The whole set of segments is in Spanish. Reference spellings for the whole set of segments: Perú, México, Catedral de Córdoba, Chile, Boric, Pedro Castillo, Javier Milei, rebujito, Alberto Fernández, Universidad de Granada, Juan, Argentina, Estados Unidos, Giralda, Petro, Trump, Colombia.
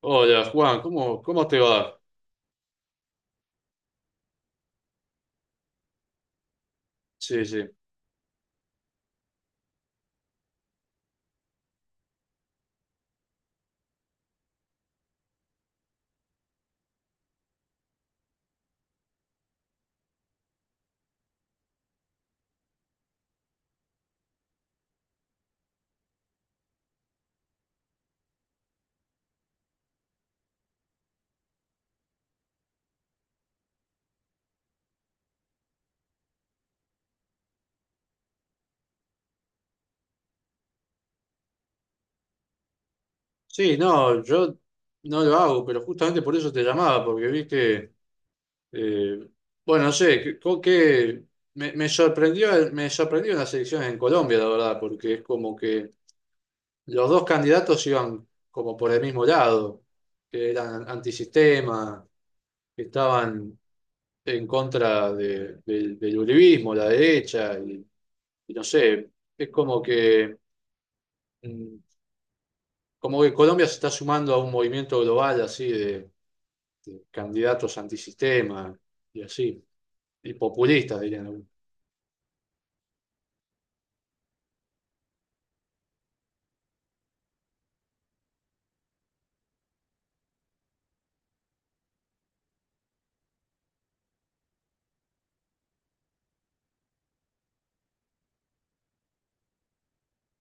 Hola Juan, ¿cómo te va? Sí, sí. Sí, no, yo no lo hago, pero justamente por eso te llamaba, porque vi que, eh, bueno, no sé, que, con que me sorprendió, me sorprendió las elecciones en Colombia, la verdad, porque es como que los dos candidatos iban como por el mismo lado, que eran antisistema, que estaban del uribismo, la derecha, y no sé, es como que... mm, como que Colombia se está sumando a un movimiento global así de candidatos antisistema y así, y populistas dirían algunos.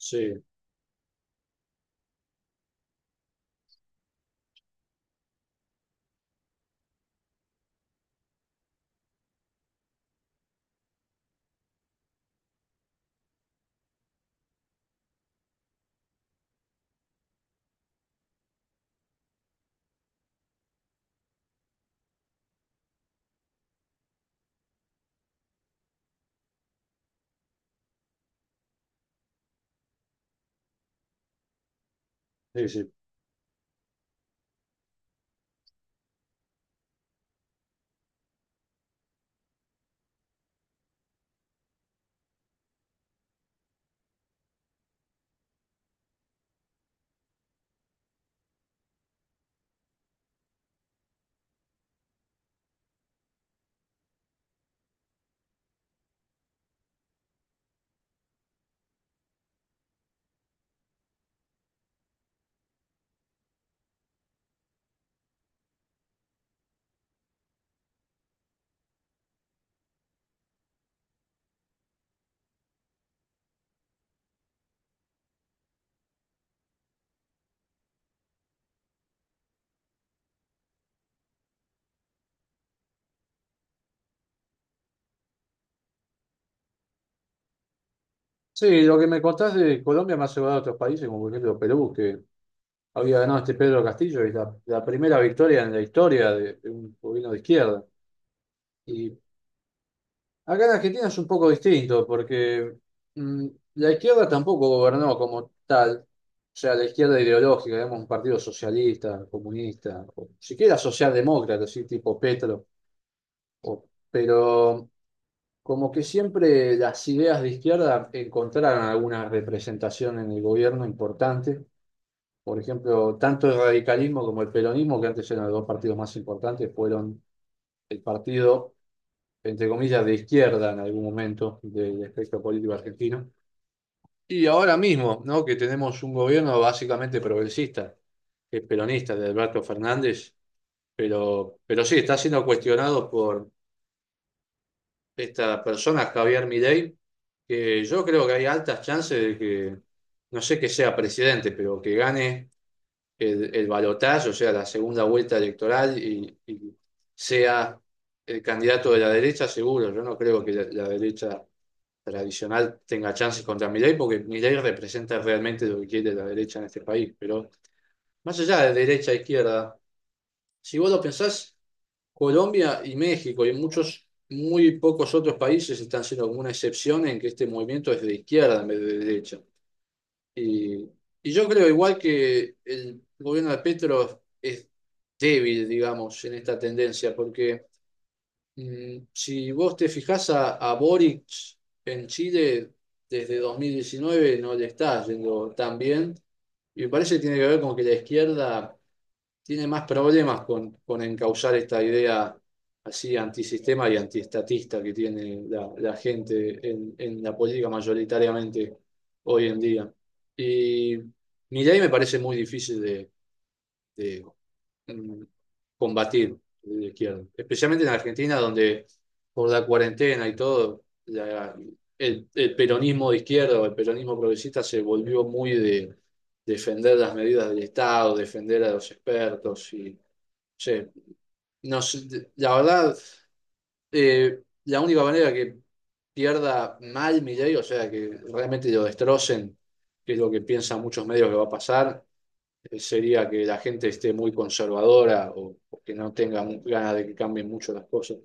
Sí, sí, sí. Sí, lo que me contás de Colombia me ha llevado a otros países, como por ejemplo Perú, que había ganado este Pedro Castillo, y la primera victoria en la historia de un gobierno de izquierda. Y acá en Argentina es un poco distinto porque mm, la izquierda tampoco gobernó como tal, o sea, la izquierda ideológica, digamos, un partido socialista, comunista, o siquiera socialdemócrata, así tipo Petro, o- pero como que siempre las ideas de izquierda encontraron alguna representación en el gobierno importante, por ejemplo, tanto el radicalismo como el peronismo, que antes eran los dos partidos más importantes, fueron el partido, entre comillas, de izquierda en algún momento del espectro político argentino. Y ahora mismo, ¿no? Que tenemos un gobierno básicamente progresista, que es peronista, de Alberto Fernández, pero sí, está siendo cuestionado por esta persona, Javier Milei, que yo creo que hay altas chances de que, no sé que sea presidente, pero que gane el balotaje, o sea, la segunda vuelta electoral, y sea el candidato de la derecha, seguro. Yo no creo que la derecha tradicional tenga chances contra Milei, porque Milei representa realmente lo que quiere la derecha en este país. Pero más allá de derecha e izquierda, si vos lo pensás, Colombia y México y muchos, muy pocos otros países están siendo como una excepción en que este movimiento es de izquierda en vez de derecha. Y, y yo creo igual que el gobierno de Petro es débil, digamos, en esta tendencia, porque si vos te fijás a Boric en Chile desde 2019 no le está yendo tan bien, y me parece que tiene que ver con que la izquierda tiene más problemas con encauzar esta idea así antisistema y antiestatista que tiene la gente en la política mayoritariamente hoy en día. Y Milei me parece muy difícil de, mm, combatir de la izquierda, especialmente en Argentina, donde por la cuarentena y todo, el peronismo de izquierda o el peronismo progresista se volvió muy de defender las medidas del Estado, defender a los expertos y sí, no sé, la verdad, la única manera que pierda mal Milei, o sea, que realmente lo destrocen, que es lo que piensan muchos medios que va a pasar, sería que la gente esté muy conservadora o que no tenga ganas de que cambien mucho las cosas.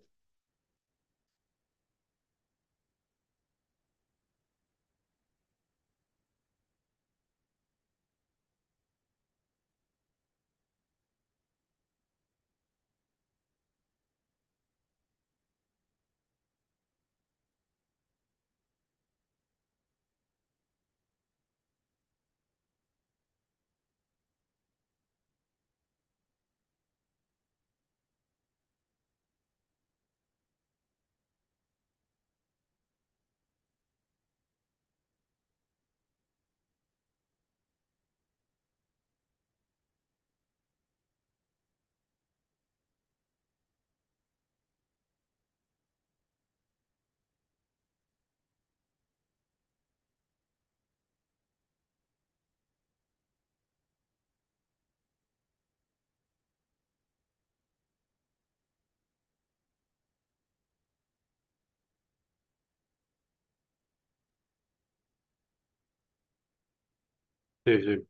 Sí, sí.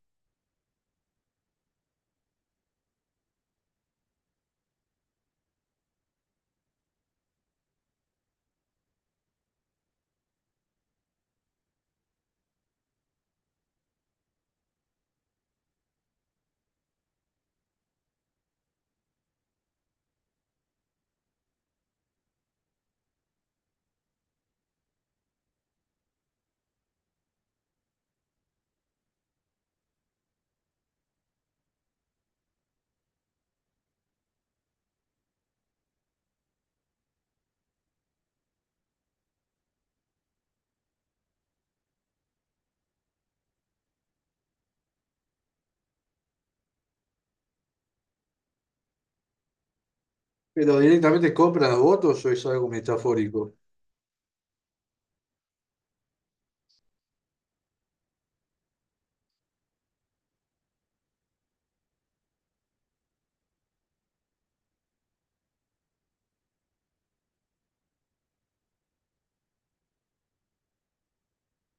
¿Pero directamente compran los votos o es algo metafórico?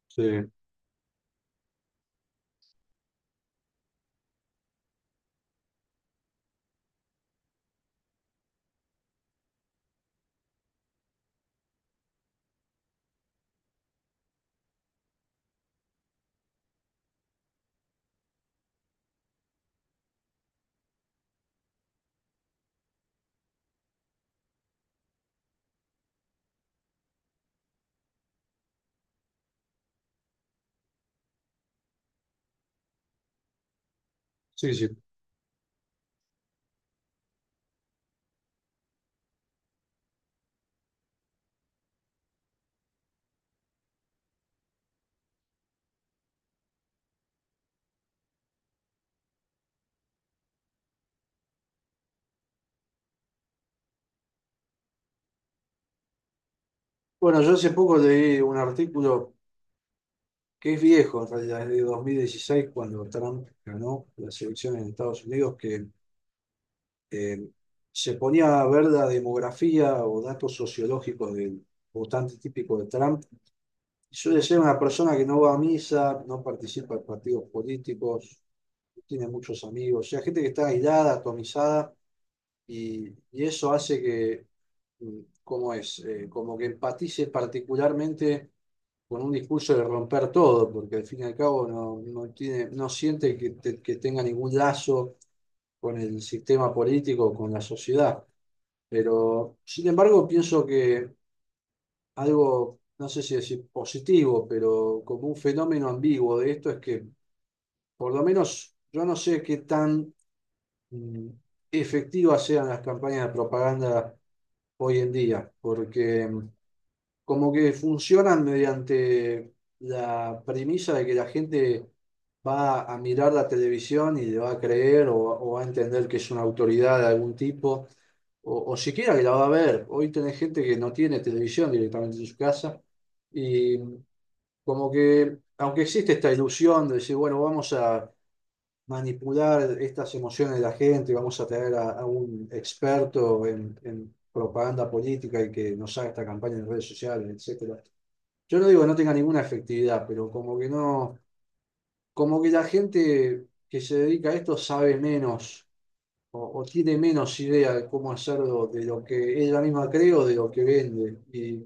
Sí. Sí, sí. Bueno, yo hace poco leí un artículo que es viejo, en realidad, es de 2016 cuando Trump ganó las elecciones en Estados Unidos, que eh, se ponía a ver la demografía o datos sociológicos del votante típico de Trump. Suele ser una persona que no va a misa, no participa en partidos políticos, no tiene muchos amigos, o sea, gente que está aislada, atomizada, y eso hace que, mm, ¿cómo es? Como que empatice particularmente con un discurso de romper todo, porque al fin y al cabo no, no tiene, no siente que, que tenga ningún lazo con el sistema político, con la sociedad. Pero, sin embargo, pienso que algo, no sé si decir positivo, pero como un fenómeno ambiguo de esto es que por lo menos yo no sé qué tan mm, efectivas sean las campañas de propaganda hoy en día, porque como que funcionan mediante la premisa de que la gente va a mirar la televisión y le va a creer o va a entender que es una autoridad de algún tipo, o siquiera que la va a ver. Hoy tenés gente que no tiene televisión directamente en su casa y como que, aunque existe esta ilusión de decir, bueno, vamos a manipular estas emociones de la gente, vamos a traer a un experto en propaganda política y que nos haga esta campaña en redes sociales, etcétera. Yo no digo que no tenga ninguna efectividad, pero como que no, como que la gente que se dedica a esto sabe menos o tiene menos idea de cómo hacerlo de lo que ella misma cree o de lo que vende. Y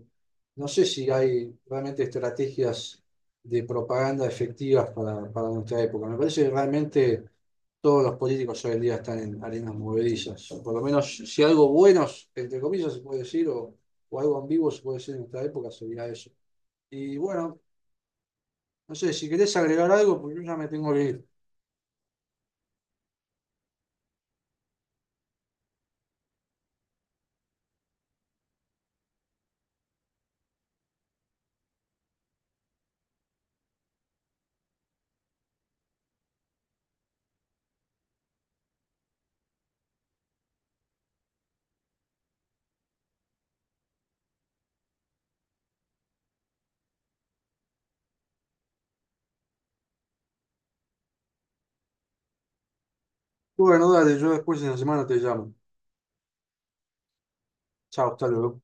no sé si hay realmente estrategias de propaganda efectivas para nuestra época. Me parece que realmente todos los políticos hoy en día están en arenas movedizas. Por lo menos si algo buenos, entre comillas, se puede decir, o algo ambiguo se puede decir en nuestra época, sería eso. Y bueno, no sé, si querés agregar algo, porque yo ya me tengo que ir. Bueno, dale, yo después en la semana te llamo. Chao, hasta luego.